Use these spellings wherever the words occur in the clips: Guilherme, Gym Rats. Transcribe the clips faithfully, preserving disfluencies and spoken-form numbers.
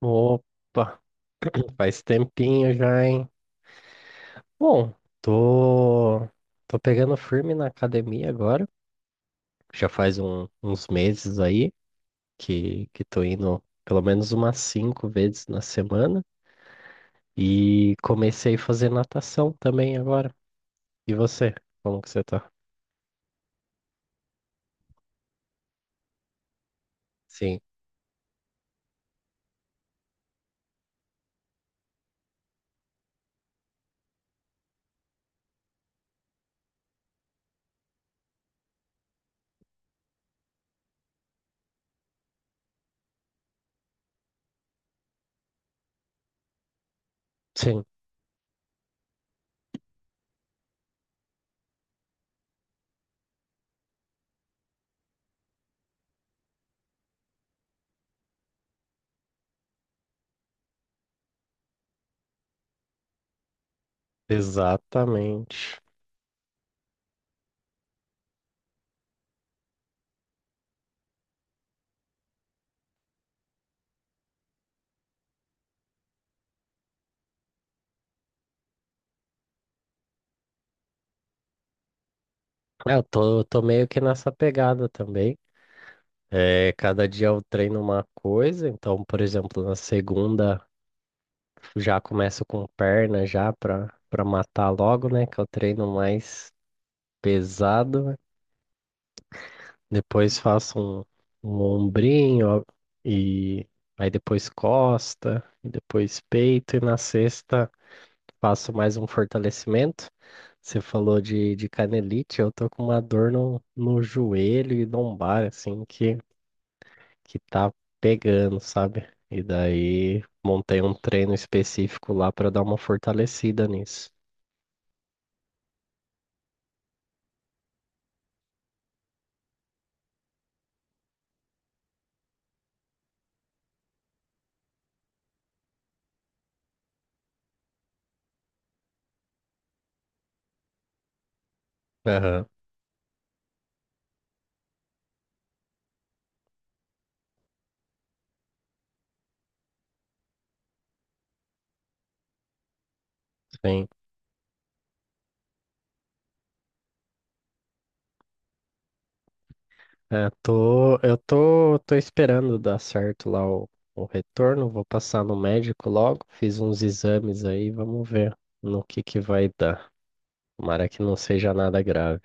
Opa, faz tempinho já, hein? Bom, tô, tô pegando firme na academia agora. Já faz um- uns meses aí que, que tô indo pelo menos umas cinco vezes na semana. E comecei a fazer natação também agora. E você? Como que você tá? Sim, sim, exatamente. É, eu tô, tô meio que nessa pegada também. É, cada dia eu treino uma coisa, então, por exemplo, na segunda. Já começo com perna já para para matar logo, né? Que é o treino mais pesado, né? Depois faço um, um ombrinho ó, e aí depois costa, e depois peito e na sexta faço mais um fortalecimento. Você falou de, de canelite, eu tô com uma dor no, no joelho e lombar, assim, que, que tá pegando, sabe? E daí montei um treino específico lá para dar uma fortalecida nisso. Aham, sim. É, tô, eu tô, tô esperando dar certo lá o, o retorno. Vou passar no médico logo. Fiz uns exames aí, vamos ver no que que vai dar. Tomara que não seja nada grave.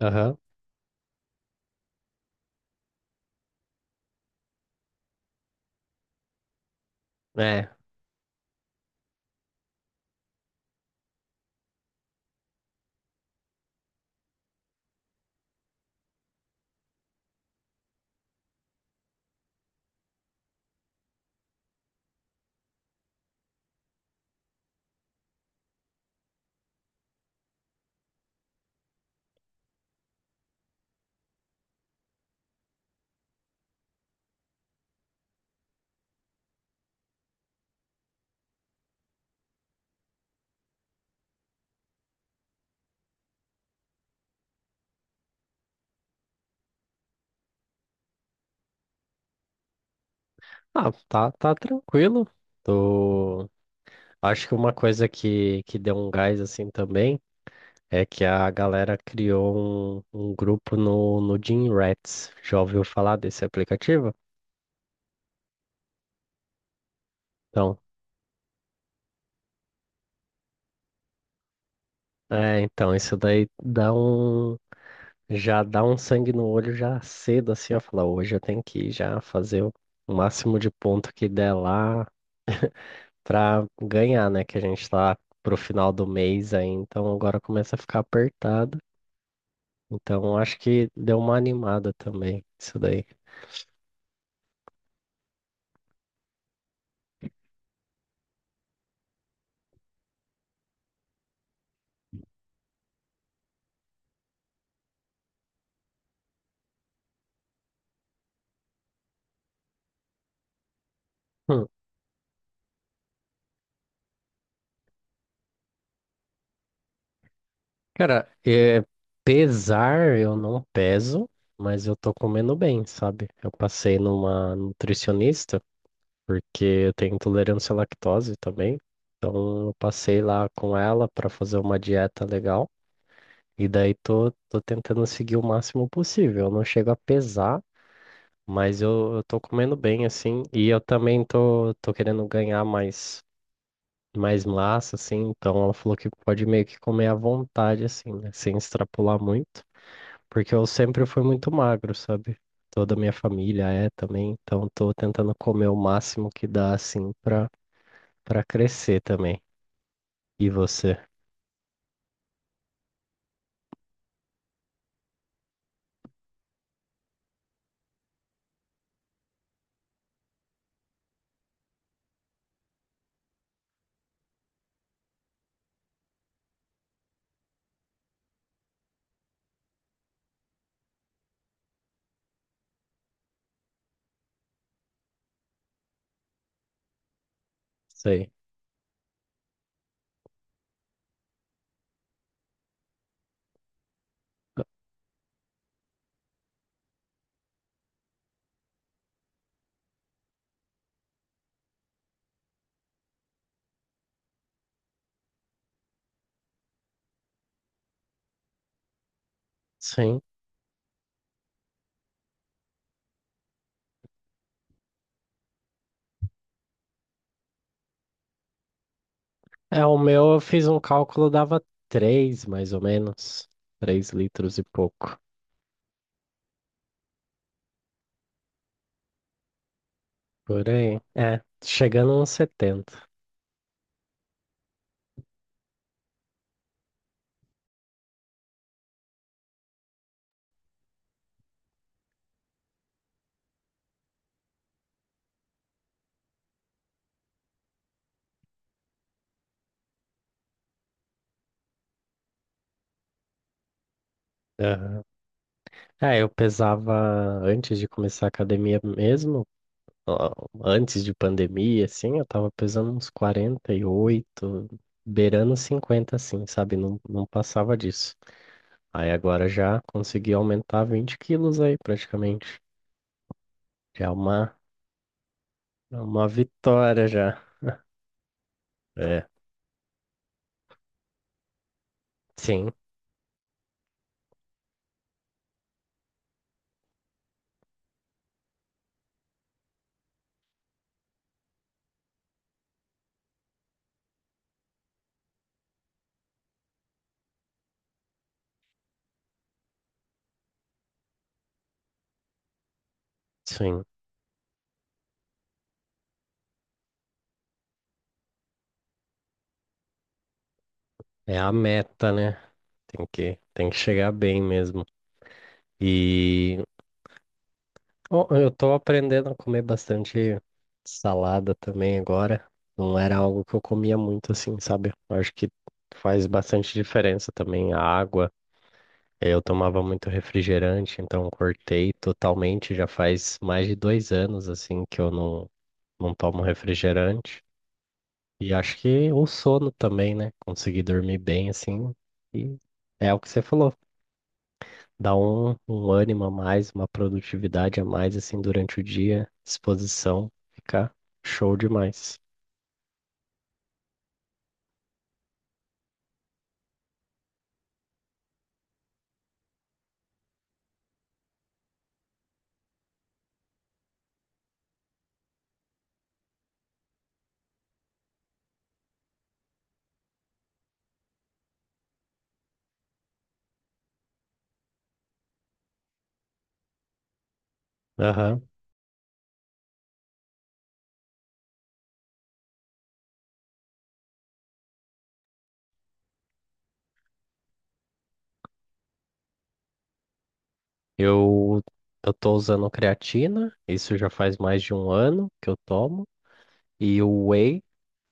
Aham, é. Ah, tá, tá tranquilo. Tô. Acho que uma coisa que, que deu um gás assim também é que a galera criou um, um grupo no, no Gym Rats. Já ouviu falar desse aplicativo? Então, é, então, isso daí dá um Já dá um sangue no olho já cedo, assim, ó, falar, hoje eu tenho que ir já fazer o máximo de ponto que der lá pra ganhar, né? Que a gente tá pro final do mês aí, então agora começa a ficar apertado. Então acho que deu uma animada também, isso daí. Hum. Cara, é, pesar eu não peso, mas eu tô comendo bem, sabe? Eu passei numa nutricionista, porque eu tenho intolerância à lactose também. Então eu passei lá com ela para fazer uma dieta legal e daí tô, tô tentando seguir o máximo possível. Eu não chego a pesar, mas eu, eu tô comendo bem assim e eu também tô, tô querendo ganhar mais mais massa assim, então ela falou que pode meio que comer à vontade assim, né, sem extrapolar muito, porque eu sempre fui muito magro, sabe? Toda a minha família é também, então tô tentando comer o máximo que dá assim pra Pra crescer também. E você? Sei. Sim. É, o meu eu fiz um cálculo, dava três mais ou menos. Três litros e pouco. Por aí. É, chegando a uns setenta. Aham. É, eu pesava antes de começar a academia mesmo, ó, antes de pandemia, assim, eu tava pesando uns quarenta e oito, beirando cinquenta assim, sabe? Não, não passava disso. Aí agora já consegui aumentar vinte quilos aí, praticamente. Já é uma É uma vitória já. É, sim, sim. É a meta, né? Tem que, tem que chegar bem mesmo. E ó, eu tô aprendendo a comer bastante salada também agora. Não era algo que eu comia muito assim, sabe? Eu acho que faz bastante diferença também a água. É, eu tomava muito refrigerante, então cortei totalmente. Já faz mais de dois anos assim que eu não, não tomo refrigerante. E acho que o sono também, né? Conseguir dormir bem, assim. E é o que você falou. Dá um, um ânimo a mais, uma produtividade a mais, assim, durante o dia, disposição. Fica show demais. Aham. Eu, eu tô usando creatina, isso já faz mais de um ano que eu tomo. E o whey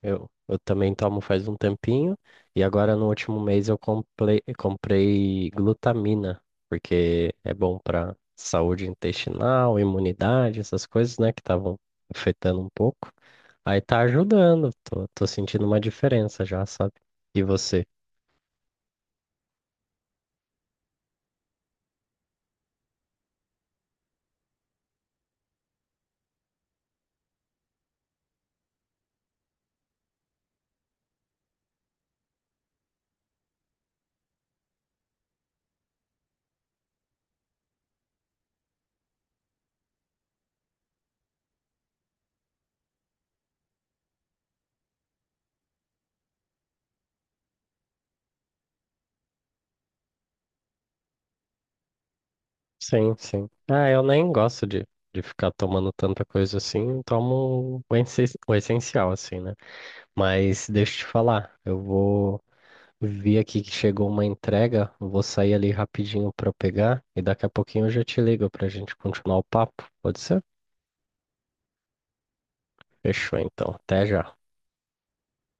Eu, eu também tomo faz um tempinho e agora no último mês eu comprei, comprei glutamina, porque é bom para saúde intestinal, imunidade, essas coisas, né, que estavam afetando um pouco. Aí tá ajudando, tô, tô sentindo uma diferença já, sabe? E você? Sim, sim. Ah, eu nem gosto de, de ficar tomando tanta coisa assim, tomo o essen- o essencial, assim, né? Mas deixa eu te falar, eu vou. Vi aqui que chegou uma entrega, vou sair ali rapidinho para pegar e daqui a pouquinho eu já te ligo para a gente continuar o papo. Pode ser? Fechou então. Até já.